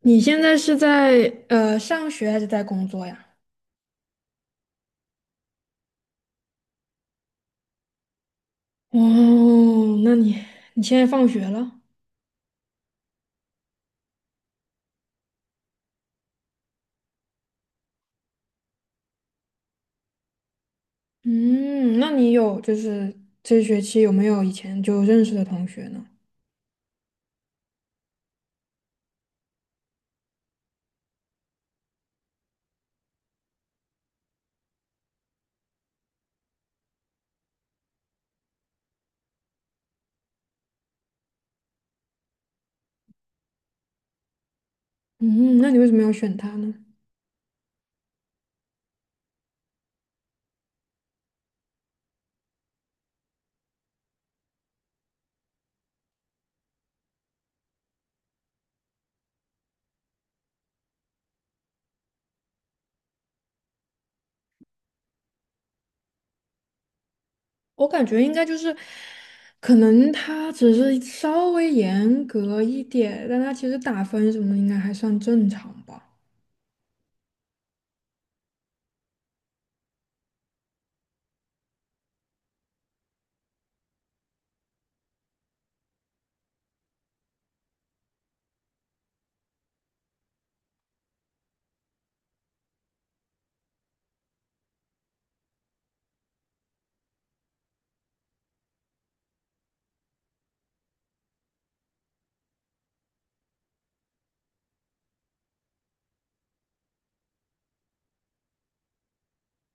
你现在是在上学还是在工作呀？哦，那你现在放学了？嗯，那你有就是这学期有没有以前就认识的同学呢？嗯，那你为什么要选他呢？我感觉应该就是，可能他只是稍微严格一点，但他其实打分什么的应该还算正常吧。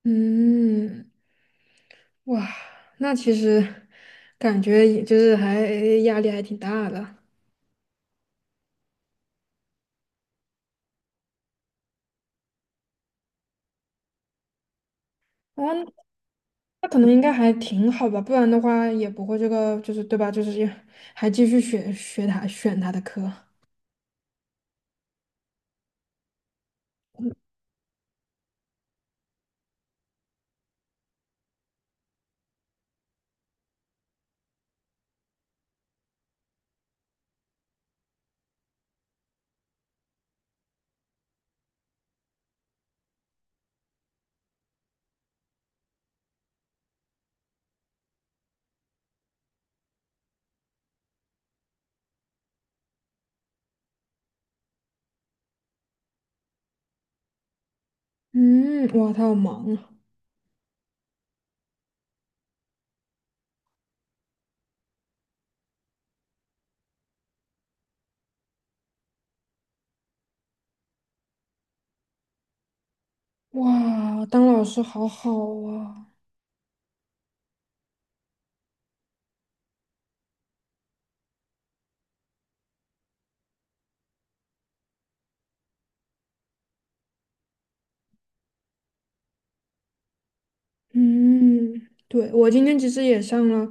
嗯，哇，那其实感觉也就是还压力还挺大的。哦，那可能应该还挺好吧，不然的话也不会这个，就是对吧？就是也还继续学他选他的课。嗯，哇，他好忙啊！哇，当老师好好啊。嗯，对，我今天其实也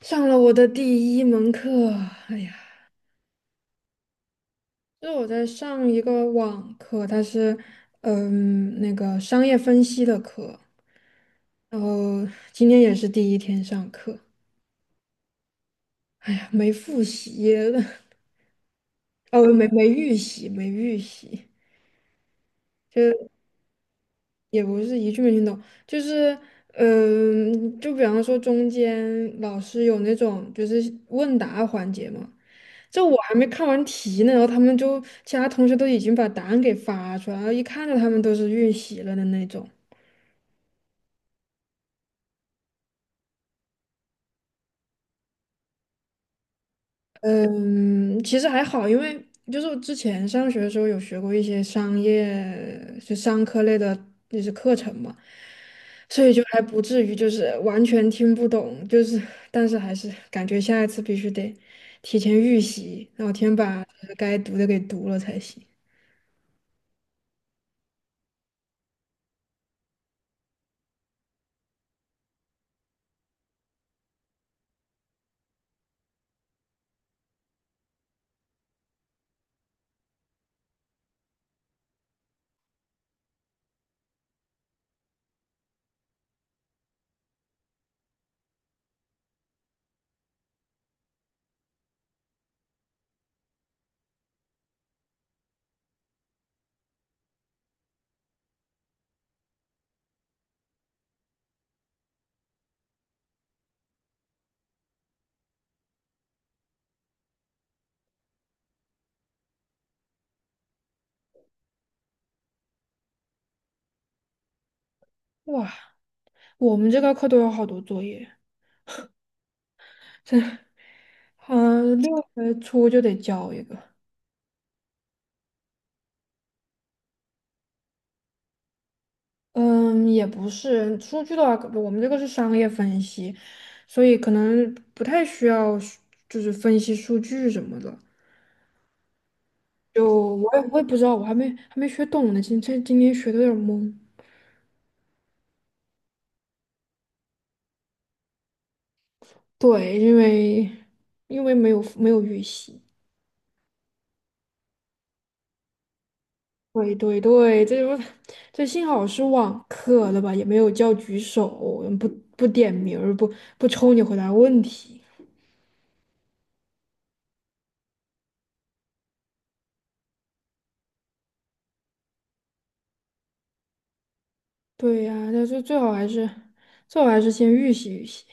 上了我的第一门课。哎呀，就是我在上一个网课，它是嗯那个商业分析的课，然后今天也是第一天上课。哎呀，没复习。哦，没预习，也不是一句没听懂，就是，嗯，就比方说中间老师有那种就是问答环节嘛，这我还没看完题呢，然后他们就其他同学都已经把答案给发出来，然后一看着他们都是预习了的那种。嗯，其实还好，因为就是我之前上学的时候有学过一些商业，就商科类的，那些课程嘛。所以就还不至于就是完全听不懂，就是但是还是感觉下一次必须得提前预习，然后提前把该读的给读了才行。哇，我们这个课都有好多作业，这，嗯，六月初就得交一个。嗯，也不是，数据的话，我们这个是商业分析，所以可能不太需要就是分析数据什么的。就我我也不知道，我还没学懂呢，今天学的有点懵。对，因为没有预习。对对对，这不这幸好是网课的吧，也没有叫举手，不不点名儿，不抽你回答问题。对呀、但是最好还是先预习预习。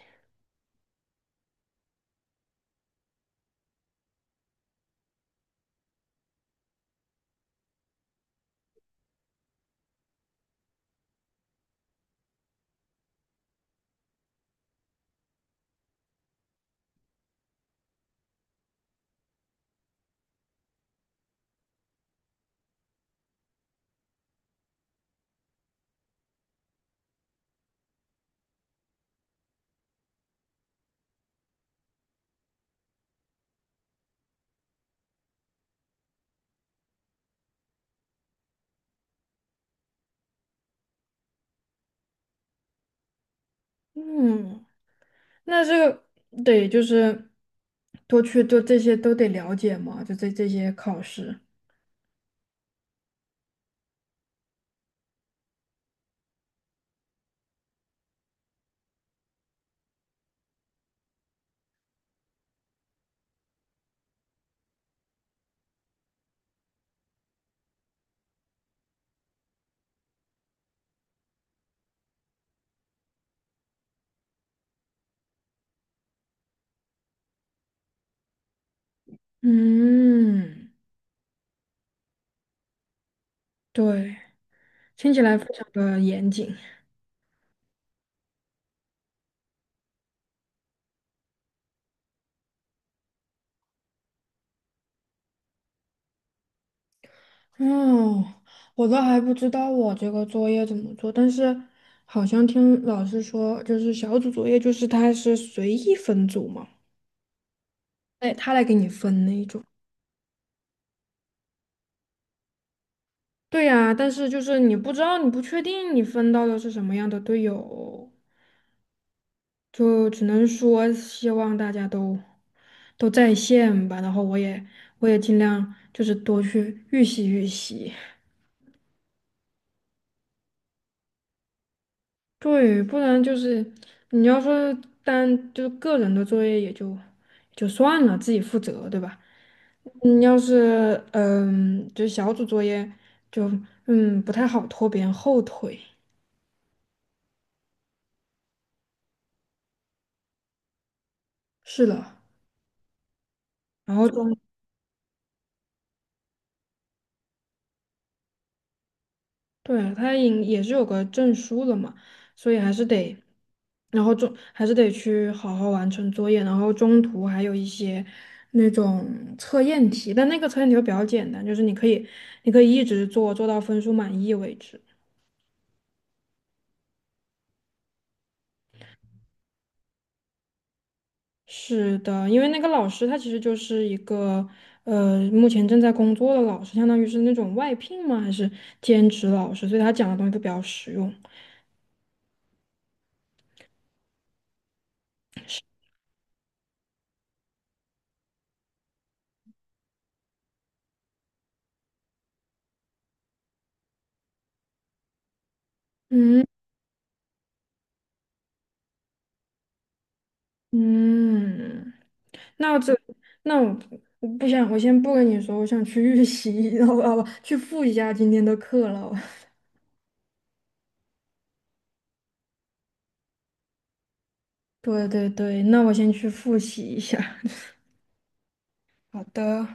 嗯，那这个得就是多去做这些都得了解嘛，这这些考试。嗯，对，听起来非常的严谨。嗯，我都还不知道我这个作业怎么做，但是好像听老师说，就是小组作业，就是他是随意分组嘛，哎，他来给你分那一种。对呀，但是就是你不知道，你不确定你分到的是什么样的队友，就只能说希望大家都在线吧。然后我我也尽量就是多去预习预习。对，不然就是你要说单就是个人的作业就算了，自己负责，对吧？你要是嗯，就是小组作业就嗯不太好拖别人后腿。是的，然后中对，他也是有个证书了嘛，所以还是得，然后中还是得去好好完成作业，然后中途还有一些那种测验题，但那个测验题会比较简单，就是你可以一直做，做到分数满意为止。是的，因为那个老师他其实就是一个目前正在工作的老师，相当于是那种外聘吗？还是兼职老师？所以他讲的东西都比较实用。嗯嗯。那这，那我不想，我先不跟你说，我想去预习，然后不，去复一下今天的课了。对对对，那我先去复习一下。好的。